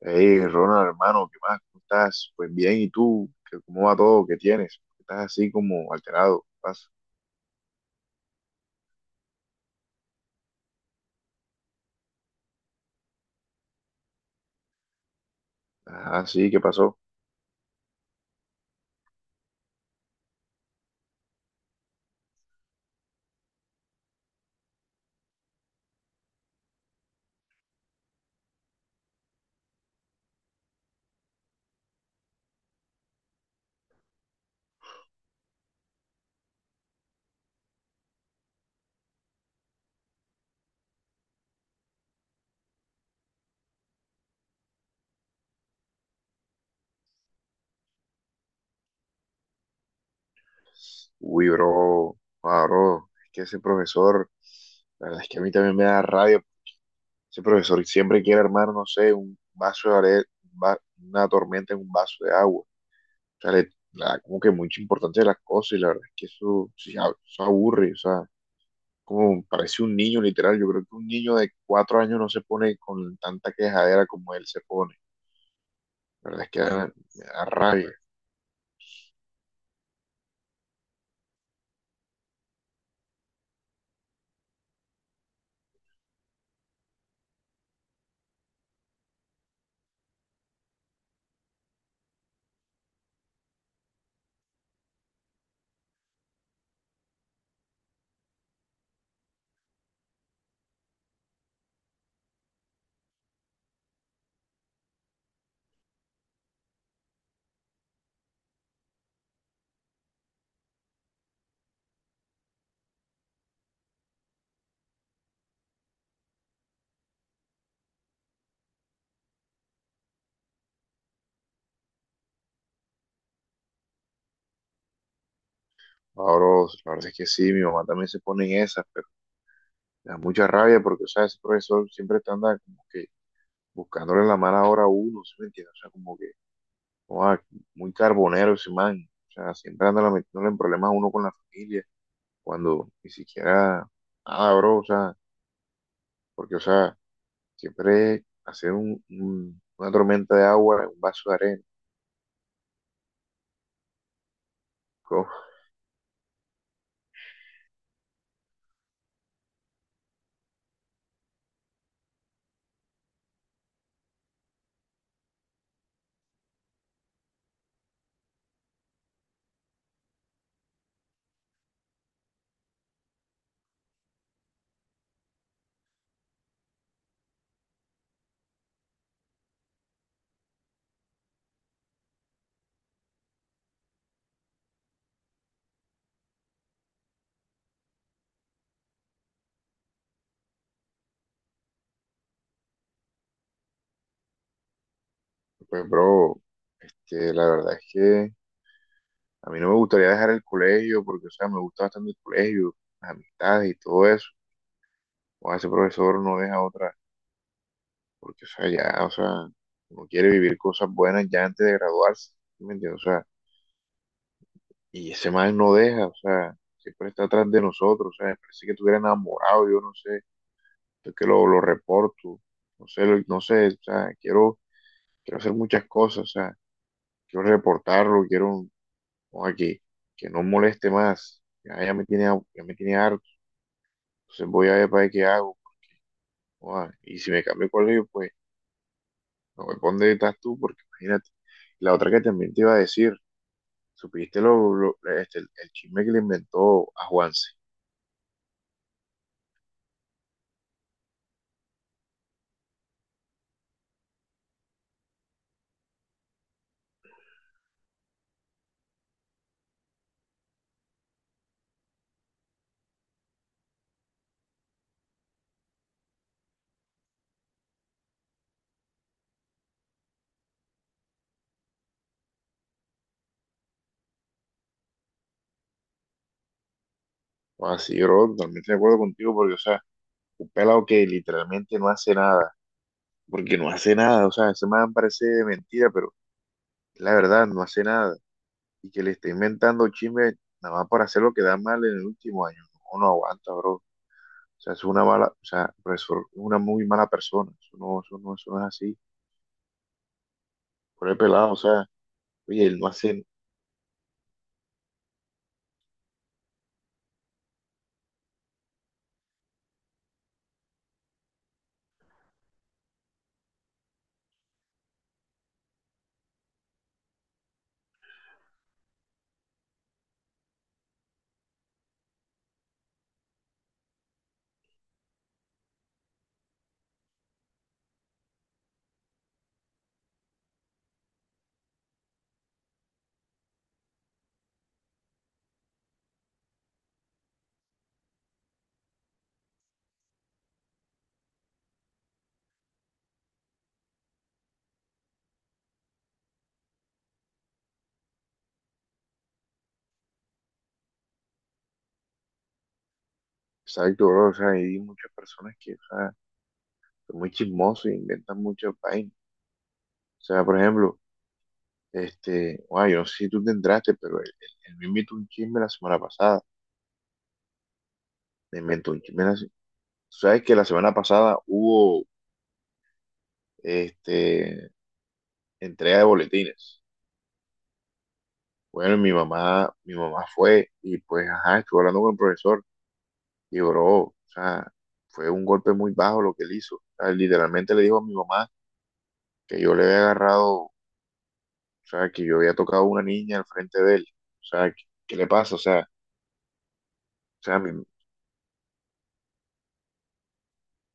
Hey, Ronald, hermano, ¿qué más? ¿Cómo estás? Pues bien, ¿y tú? ¿Cómo va todo? ¿Qué tienes? Estás así como alterado. ¿Qué pasa? Ah, sí, ¿qué pasó? Uy, bro, ah, bro, es que ese profesor, la verdad es que a mí también me da rabia. Ese profesor siempre quiere armar, no sé, un vaso de are- un va- una tormenta en un vaso de agua. O sea, le como que mucha importancia de las cosas y la verdad es que eso, sí, eso aburre, o sea, como parece un niño, literal. Yo creo que un niño de cuatro años no se pone con tanta quejadera como él se pone. La verdad es que me da rabia. Ahora, la verdad es que sí, mi mamá también se pone en esas, pero me da mucha rabia porque, o sea, ese profesor siempre está andando como que buscándole la mala hora a uno, ¿sí me entiendes? O sea, como que, oa, muy carbonero ese man. O sea, siempre anda metiéndole en problemas a uno con la familia, cuando ni siquiera, nada, bro, o sea, porque, o sea, siempre hacer una tormenta de agua en un vaso de arena. Co- Pues, bro, que la verdad es que a mí no me gustaría dejar el colegio porque, o sea, me gusta bastante el colegio, las amistades y todo eso. O ese profesor no deja otra, porque, o sea, ya, o sea, uno quiere vivir cosas buenas ya antes de graduarse, ¿sí me entiendes? O sea, y ese man no deja, o sea, siempre está atrás de nosotros, o sea, me parece que estuviera enamorado, yo no sé, yo que lo reporto, no sé, no sé, o sea, quiero hacer muchas cosas, o sea, quiero reportarlo, quiero no, aquí, que no moleste más, ya me tiene harto, entonces voy a ver para ver qué hago, joda, y si me cambio de colegio, pues no me pondré donde estás tú, porque imagínate, la otra que también te iba a decir, supiste el chisme que le inventó a Juanse, o sea, sí, bro, totalmente de acuerdo contigo, porque, o sea, un pelado que literalmente no hace nada, porque no hace nada, o sea, ese man parece de mentira, pero la verdad, no hace nada, y que le esté inventando chisme nada más para hacer lo que da mal en el último año. No, no aguanta, bro. O sea, es una mala, o sea, pero es una muy mala persona. Eso no, eso no, eso no es así. Por el pelado, o sea, oye, él no hace, exacto, bro. O sea, hay muchas personas que, o sea, son muy chismosos e inventan muchas vainas. O sea, por ejemplo, este, bueno, yo no sé si tú te entraste, pero él me invitó un chisme la semana pasada. Me inventó un chisme, tú sabes que la semana pasada hubo, este, entrega de boletines. Bueno, mi mamá fue y pues, ajá, estuvo hablando con el profesor y bro, o sea, fue un golpe muy bajo lo que él hizo. O sea, literalmente le dijo a mi mamá que yo le había agarrado, o sea, que yo había tocado a una niña al frente de él. O sea, ¿qué le pasa? O sea,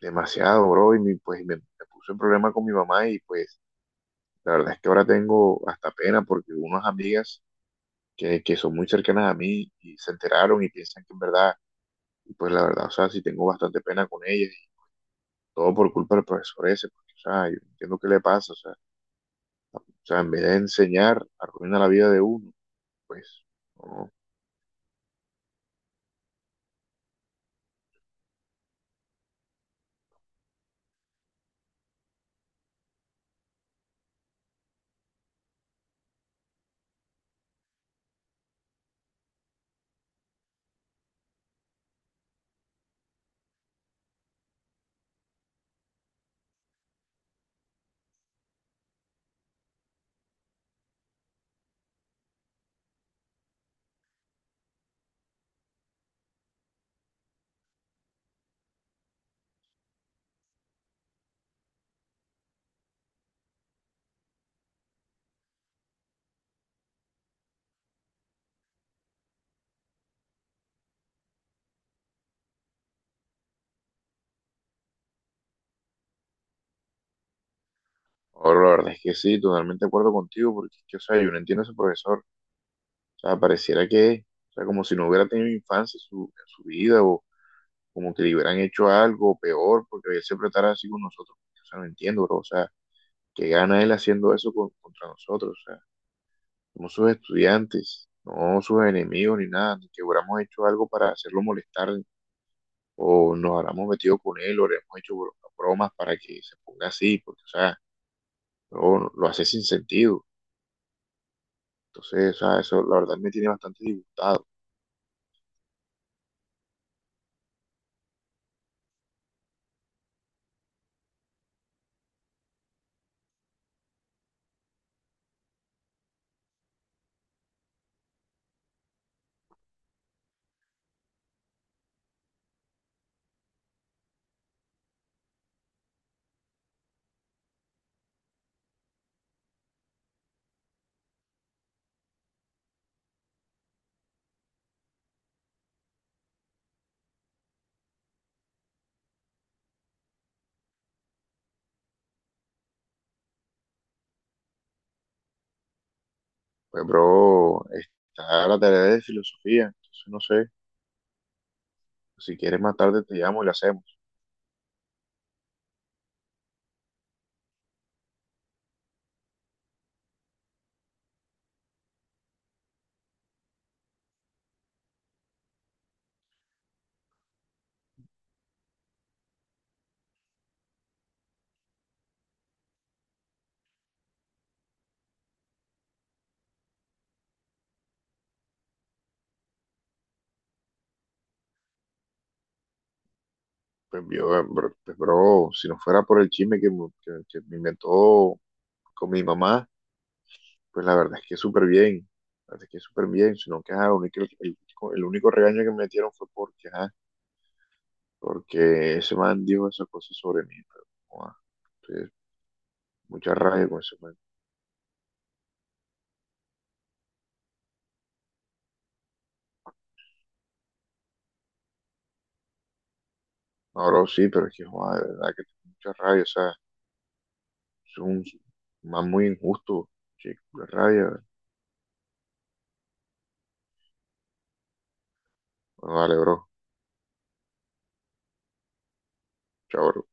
demasiado, bro, y pues me puse en problema con mi mamá y pues la verdad es que ahora tengo hasta pena porque unas amigas que son muy cercanas a mí y se enteraron y piensan que en verdad, y pues la verdad, o sea, sí tengo bastante pena con ellas todo por culpa del profesor ese, porque, o sea, yo no entiendo qué le pasa, o sea, en vez de enseñar, arruina la vida de uno, pues, no. Ahora la verdad es que sí, totalmente de acuerdo contigo, porque, es que, o sea, yo no entiendo a ese profesor, o sea, pareciera que, o sea, como si no hubiera tenido infancia en su vida, o como que le hubieran hecho algo peor, porque él siempre estará así con nosotros, o sea, no entiendo, bro, o sea, ¿qué gana él haciendo eso contra nosotros? O sea, somos sus estudiantes, no sus enemigos ni nada, ni que hubiéramos hecho algo para hacerlo molestar o nos habremos metido con él, o le hemos hecho bromas para que se ponga así, porque, o sea, bro, lo hace sin sentido. Entonces, o sea, eso la verdad me tiene bastante disgustado. Pues, bro, está la tarea de filosofía, entonces no sé, si quieres más tarde te llamo y la hacemos. Pues, yo, bro, pues, bro, si no fuera por el chisme que me inventó con mi mamá, pues la verdad es que súper bien, la verdad es que súper bien, sino que ajá, el único regaño que me metieron fue porque, ajá, porque ese man dijo esa cosa sobre mí, pero, joda, entonces, mucha rabia con ese man. Ahora sí, pero es que, joda, de verdad que tengo mucha rabia, o sea, es un man muy injusto, chico, la rabia. Bueno, dale, bro, chao, bro.